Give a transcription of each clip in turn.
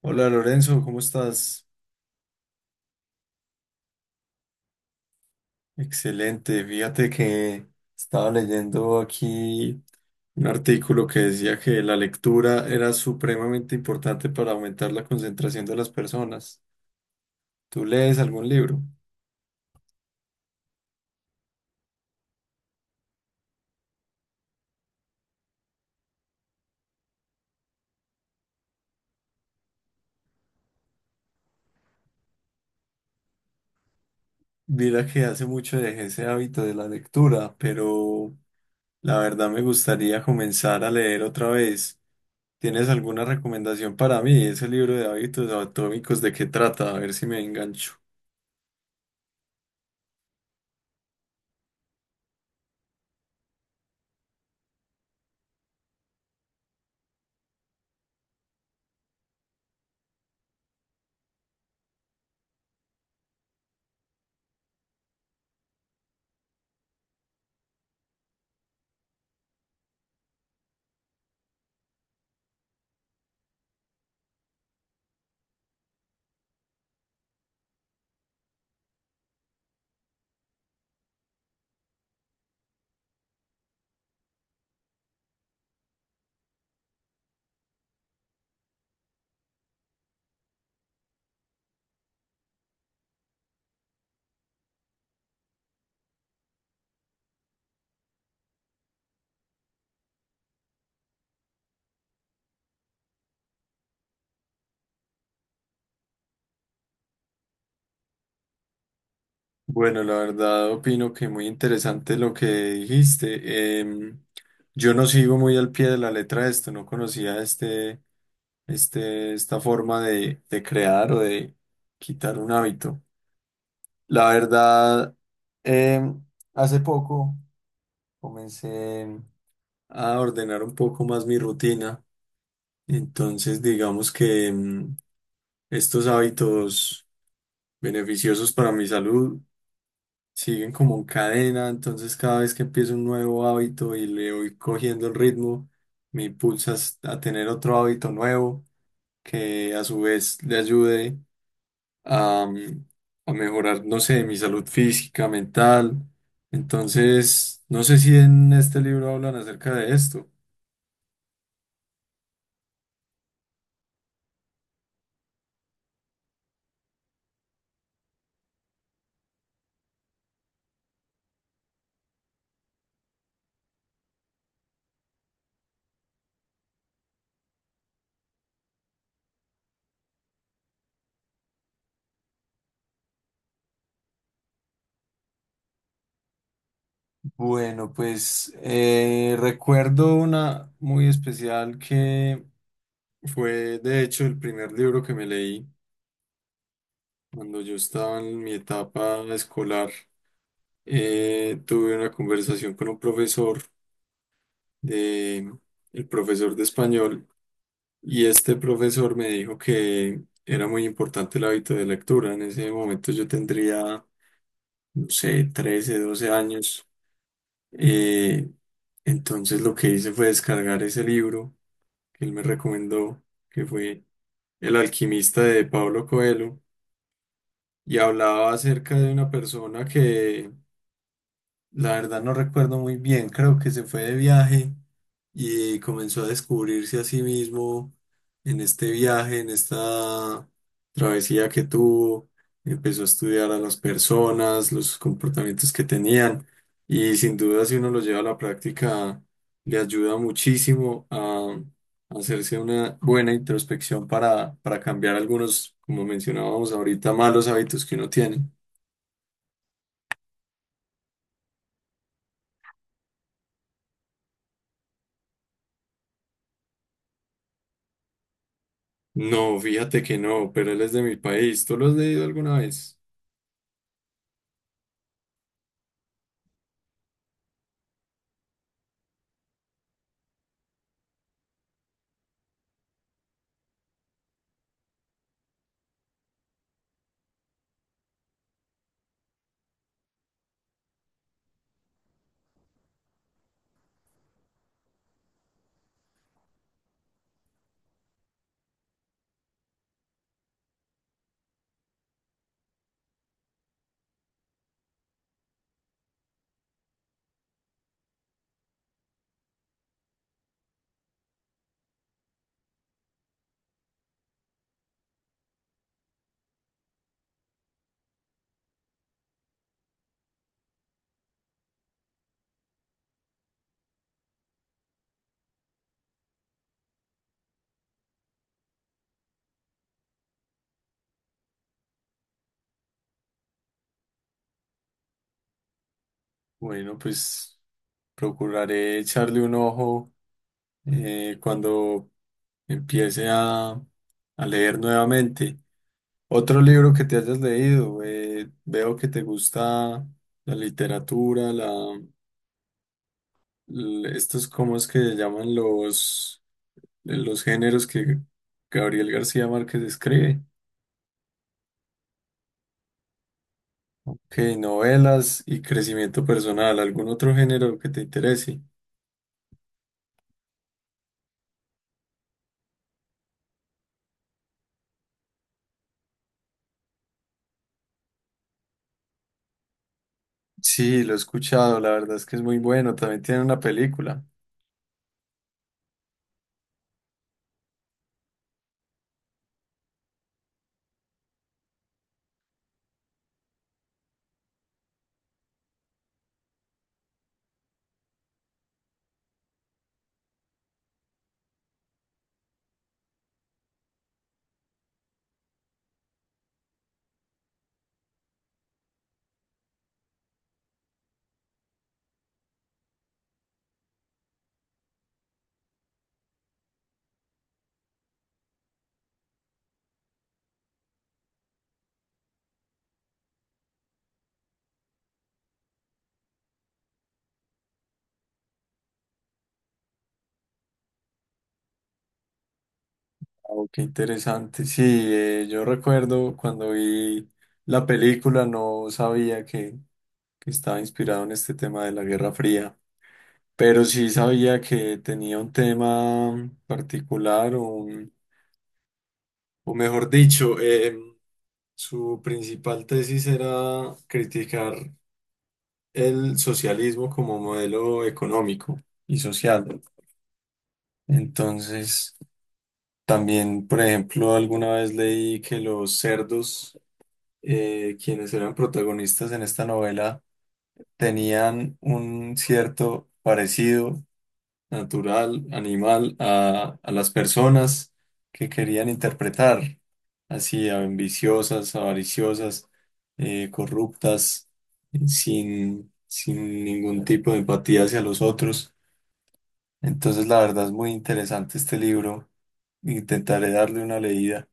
Hola Lorenzo, ¿cómo estás? Excelente. Fíjate que estaba leyendo aquí un artículo que decía que la lectura era supremamente importante para aumentar la concentración de las personas. ¿Tú lees algún libro? Mira que hace mucho dejé ese hábito de la lectura, pero la verdad me gustaría comenzar a leer otra vez. ¿Tienes alguna recomendación para mí? Ese libro de hábitos atómicos, ¿de qué trata? A ver si me engancho. Bueno, la verdad opino que muy interesante lo que dijiste. Yo no sigo muy al pie de la letra esto, no conocía este, esta forma de crear o de quitar un hábito. La verdad, em, hace poco comencé a ordenar un poco más mi rutina, entonces digamos que estos hábitos beneficiosos para mi salud siguen como en cadena, entonces cada vez que empiezo un nuevo hábito y le voy cogiendo el ritmo, me impulsa a tener otro hábito nuevo que a su vez le ayude a, mm, a mejorar, no sé, mi salud física, mental. Entonces, no sé si en este libro hablan acerca de esto. Bueno, pues recuerdo una muy especial que fue de hecho el primer libro que me leí. Cuando yo estaba en mi etapa escolar, tuve una conversación con un profesor de, el profesor de español, y este profesor me dijo que era muy importante el hábito de lectura. En ese momento yo tendría, no sé, 13 12 años. Eh, entonces lo que hice fue descargar ese libro que él me recomendó, que fue El alquimista de Pablo Coelho, y hablaba acerca de una persona que. La verdad no recuerdo muy bien, creo que se fue de viaje y comenzó a descubrirse a sí mismo en este viaje, en esta travesía que tuvo, empezó a estudiar a las personas, los comportamientos que tenían y sin duda si uno lo lleva a la práctica le ayuda muchísimo a hacerse una buena introspección para cambiar algunos, como mencionábamos ahorita, malos hábitos que uno tiene. No, fíjate que no, pero él es de mi país. ¿Tú lo has leído alguna vez? Bueno, pues procuraré echarle un ojo cuando empiece a leer nuevamente. Otro libro que te hayas leído, veo que te gusta la literatura, estos, ¿cómo es que se llaman los géneros que Gabriel García Márquez escribe? Ok, novelas y crecimiento personal, ¿algún otro género que te interese? Sí, lo he escuchado, la verdad es que es muy bueno, también tiene una película. Oh, qué interesante. Sí, yo recuerdo cuando vi la película no sabía que estaba inspirado en este tema de la Guerra Fría, pero sí sabía que tenía un tema particular, o, o mejor dicho, su principal tesis era criticar el socialismo como modelo económico y social. Entonces, también, por ejemplo, alguna vez leí que los cerdos, quienes eran protagonistas en esta novela, tenían un cierto parecido natural, animal, a las personas que querían interpretar, así, ambiciosas, avariciosas, corruptas sin ningún tipo de empatía hacia los otros. Entonces, la verdad es muy interesante este libro. Intentaré darle una leída.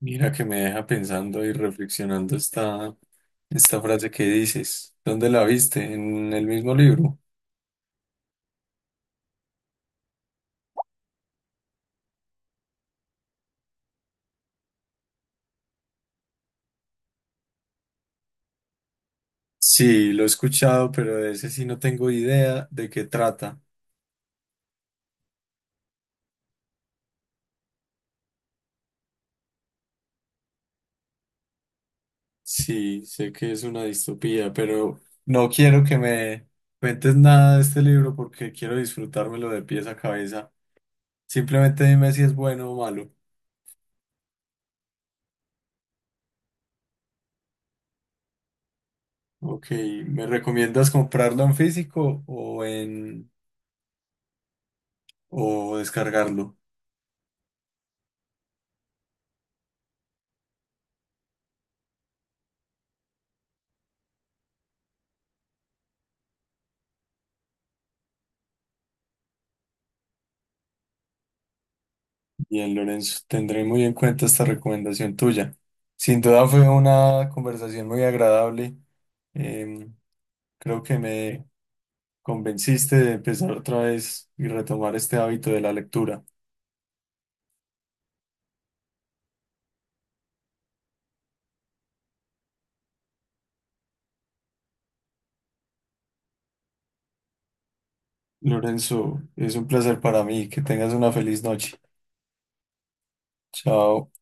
Mira que me deja pensando y reflexionando esta, esta frase que dices. ¿Dónde la viste? ¿En el mismo libro? Sí, lo he escuchado, pero de ese sí no tengo idea de qué trata. Sí, sé que es una distopía, pero no quiero que me cuentes nada de este libro porque quiero disfrutármelo de pies a cabeza. Simplemente dime si es bueno o malo. Ok, ¿me recomiendas comprarlo en físico o en o descargarlo? Bien, Lorenzo, tendré muy en cuenta esta recomendación tuya. Sin duda fue una conversación muy agradable. Em, Creo que me convenciste de empezar otra vez y retomar este hábito de la lectura. Lorenzo, es un placer para mí. Que tengas una feliz noche. Chao.